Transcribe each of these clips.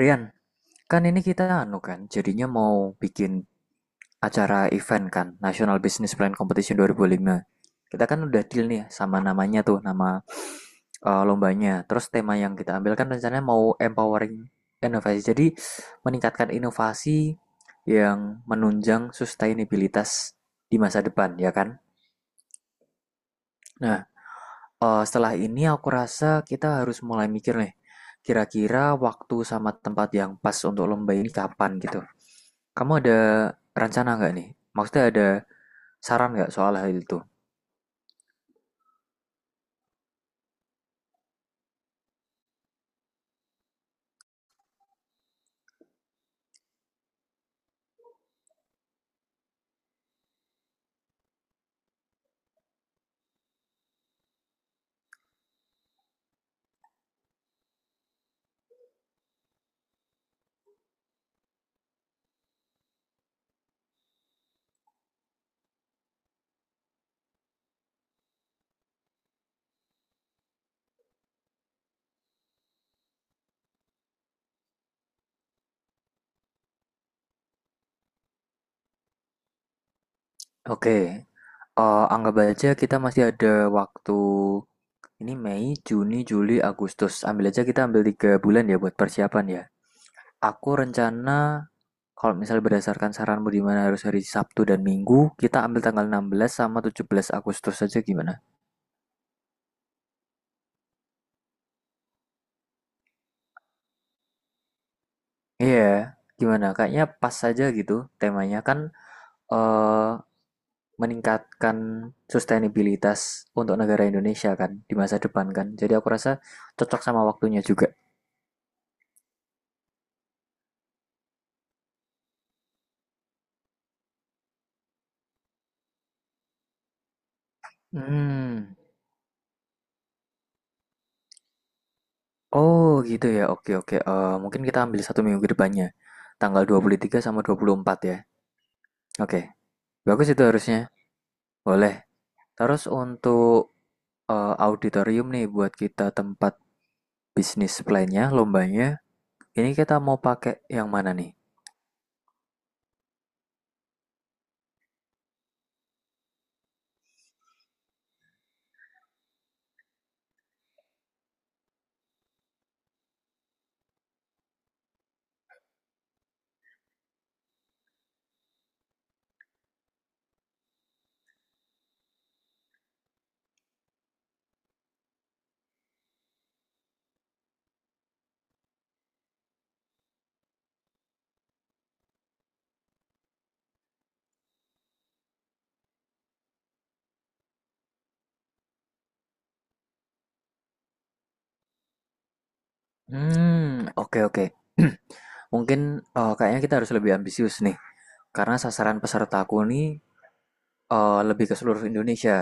Rian, kan ini kita anu kan, jadinya mau bikin acara event kan, National Business Plan Competition 2005. Kita kan udah deal nih sama namanya tuh, nama lombanya. Terus tema yang kita ambil kan rencananya mau empowering inovasi. Jadi meningkatkan inovasi yang menunjang sustainabilitas di masa depan, ya kan? Nah, setelah ini aku rasa kita harus mulai mikir nih, kira-kira waktu sama tempat yang pas untuk lomba ini kapan gitu. Kamu ada rencana nggak nih? Maksudnya ada saran nggak soal hal itu? Oke, anggap aja kita masih ada waktu ini Mei, Juni, Juli, Agustus. Ambil aja kita ambil 3 bulan ya buat persiapan ya. Aku rencana kalau misalnya berdasarkan saranmu di mana harus hari Sabtu dan Minggu, kita ambil tanggal 16 sama 17 Agustus saja gimana? Iya, gimana? Kayaknya pas saja gitu temanya kan eh meningkatkan sustainabilitas untuk negara Indonesia kan di masa depan kan. Jadi aku rasa cocok sama waktunya juga. Hmm. Oh gitu ya. Oke, oke. Mungkin kita ambil 1 minggu ke depannya. Tanggal 23 sama 24 ya. Oke. Bagus itu harusnya. Boleh. Terus untuk auditorium nih buat kita tempat bisnis plan-nya, lombanya. Ini kita mau pakai yang mana nih? Hmm, oke, oke. Mungkin kayaknya kita harus lebih ambisius nih. Karena sasaran pesertaku nih lebih ke seluruh Indonesia.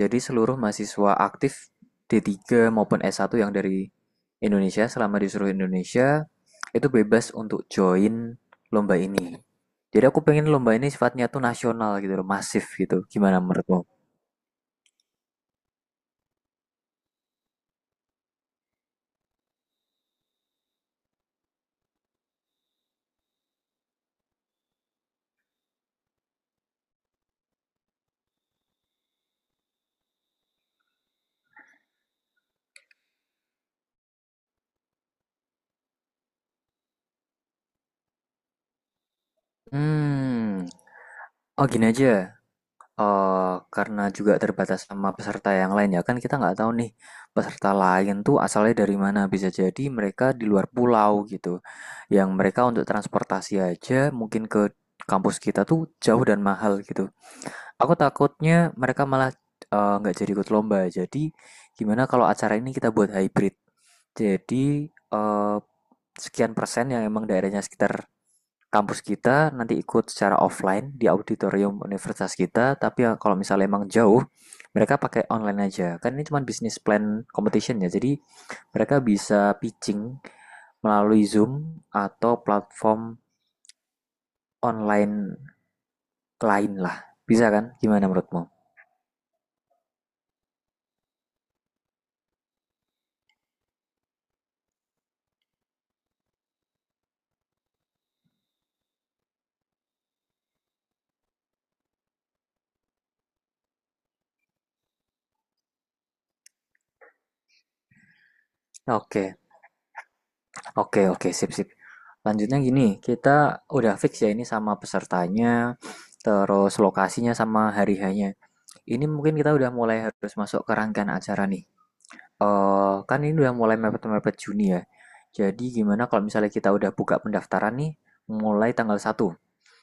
Jadi seluruh mahasiswa aktif d Tiga maupun S1 yang dari Indonesia selama di seluruh Indonesia itu bebas untuk join lomba ini. Jadi aku pengen lomba ini sifatnya tuh nasional gitu loh, masif gitu. Gimana menurutmu? Hmm, oh gini aja. Karena juga terbatas sama peserta yang lain, ya kan, kita nggak tahu nih peserta lain tuh asalnya dari mana, bisa jadi mereka di luar pulau gitu yang mereka untuk transportasi aja mungkin ke kampus kita tuh jauh dan mahal gitu. Aku takutnya mereka malah nggak jadi ikut lomba. Jadi gimana kalau acara ini kita buat hybrid? Jadi eh, sekian persen yang emang daerahnya sekitar kampus kita nanti ikut secara offline di auditorium universitas kita, tapi ya kalau misalnya emang jauh, mereka pakai online aja. Kan ini cuma business plan competition ya, jadi mereka bisa pitching melalui Zoom atau platform online lain lah. Bisa kan? Gimana menurutmu? Oke, oke, oke, sip, sip. Lanjutnya gini, kita udah fix ya ini sama pesertanya, terus lokasinya sama hari-harinya. Ini mungkin kita udah mulai harus masuk ke rangkaian acara nih. Kan ini udah mulai mepet-mepet Juni ya. Jadi gimana kalau misalnya kita udah buka pendaftaran nih mulai tanggal 1.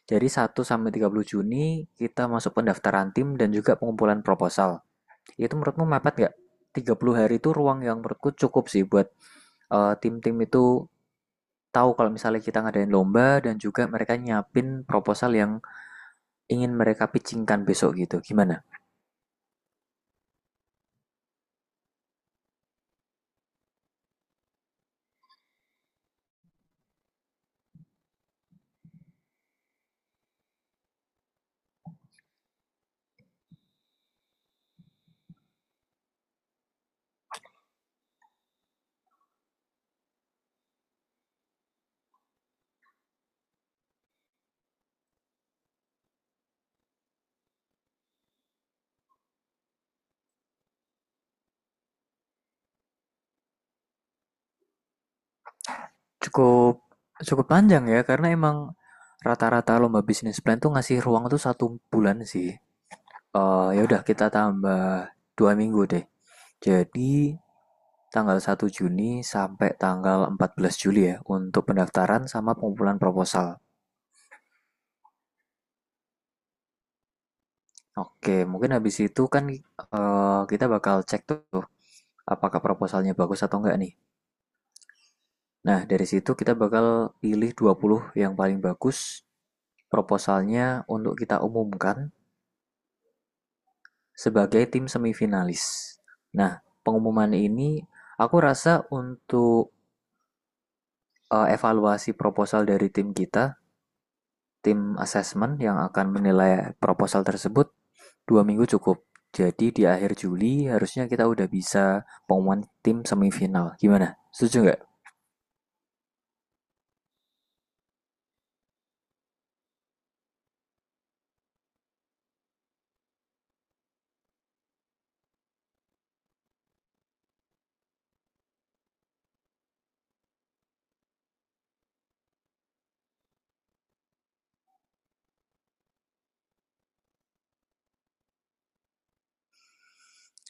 Jadi 1 sampai 30 Juni kita masuk pendaftaran tim dan juga pengumpulan proposal. Itu menurutmu mepet nggak? 30 hari itu ruang yang menurutku cukup sih buat tim-tim itu tahu kalau misalnya kita ngadain lomba dan juga mereka nyiapin proposal yang ingin mereka pitchingkan besok gitu. Gimana? Cukup cukup panjang ya karena emang rata-rata lomba bisnis plan tuh ngasih ruang tuh 1 bulan sih. Ya udah kita tambah 2 minggu deh. Jadi tanggal 1 Juni sampai tanggal 14 Juli ya untuk pendaftaran sama pengumpulan proposal. Oke, mungkin habis itu kan kita bakal cek tuh apakah proposalnya bagus atau enggak nih. Nah, dari situ kita bakal pilih 20 yang paling bagus proposalnya untuk kita umumkan sebagai tim semifinalis. Nah, pengumuman ini aku rasa untuk evaluasi proposal dari tim kita, tim assessment yang akan menilai proposal tersebut 2 minggu cukup. Jadi di akhir Juli harusnya kita udah bisa pengumuman tim semifinal. Gimana? Setuju nggak?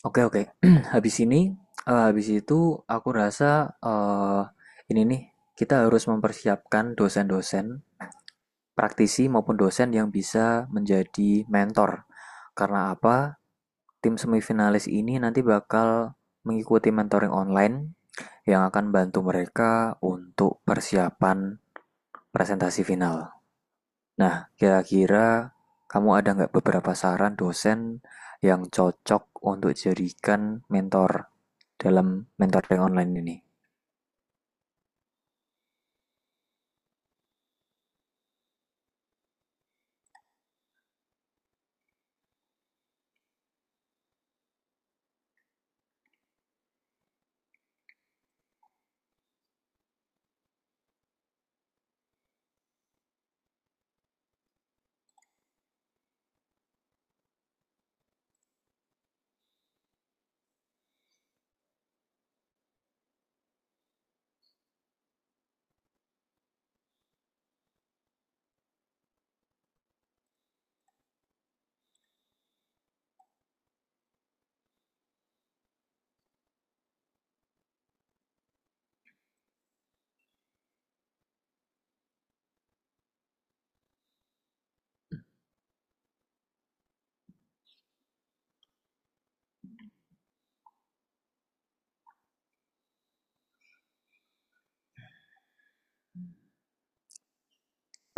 Oke, oke. Habis ini, habis itu aku rasa ini nih kita harus mempersiapkan dosen-dosen praktisi maupun dosen yang bisa menjadi mentor. Karena apa? Tim semifinalis ini nanti bakal mengikuti mentoring online yang akan bantu mereka untuk persiapan presentasi final. Nah, kira-kira kamu ada nggak beberapa saran dosen yang cocok untuk jadikan mentor dalam mentoring online ini?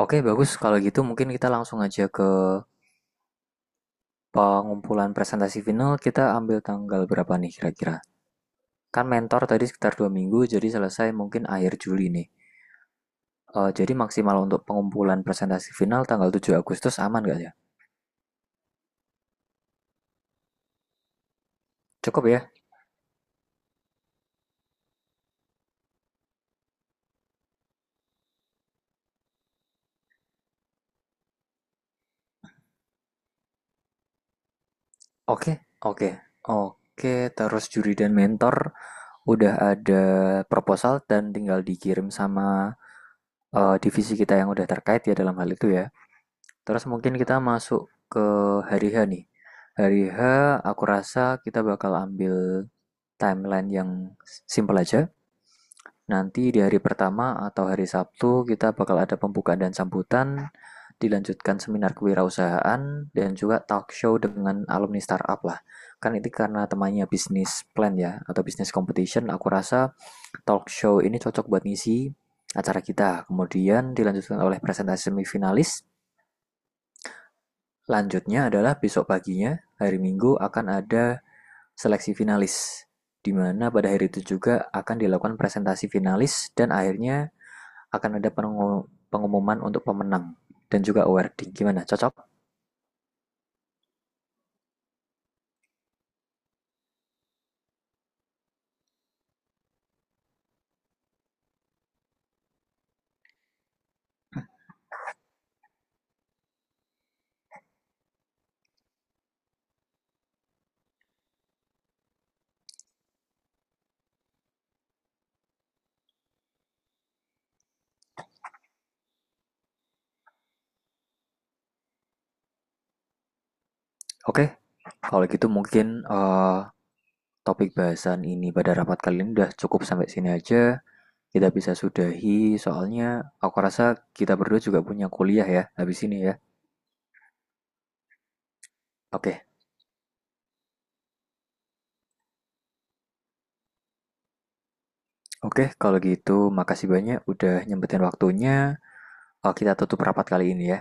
Oke, bagus. Kalau gitu mungkin kita langsung aja ke pengumpulan presentasi final. Kita ambil tanggal berapa nih kira-kira? Kan mentor tadi sekitar 2 minggu, jadi selesai mungkin akhir Juli nih. Jadi maksimal untuk pengumpulan presentasi final tanggal 7 Agustus aman gak ya? Cukup ya? Oke, oke, oke. Terus juri dan mentor udah ada proposal dan tinggal dikirim sama divisi kita yang udah terkait ya dalam hal itu ya. Terus mungkin kita masuk ke hari H nih. Hari H aku rasa kita bakal ambil timeline yang simple aja. Nanti di hari pertama atau hari Sabtu kita bakal ada pembukaan dan sambutan, dilanjutkan seminar kewirausahaan, dan juga talk show dengan alumni startup lah. Kan itu karena temanya bisnis plan ya, atau bisnis competition, aku rasa talk show ini cocok buat ngisi acara kita. Kemudian dilanjutkan oleh presentasi semifinalis. Lanjutnya adalah besok paginya, hari Minggu akan ada seleksi finalis, di mana pada hari itu juga akan dilakukan presentasi finalis dan akhirnya akan ada pengumuman untuk pemenang dan juga awarding. Gimana? Cocok? Oke. Kalau gitu mungkin topik bahasan ini pada rapat kali ini udah cukup sampai sini aja. Kita bisa sudahi soalnya aku rasa kita berdua juga punya kuliah ya habis ini ya. Oke. Oke, kalau gitu makasih banyak udah nyempetin waktunya. Kita tutup rapat kali ini ya.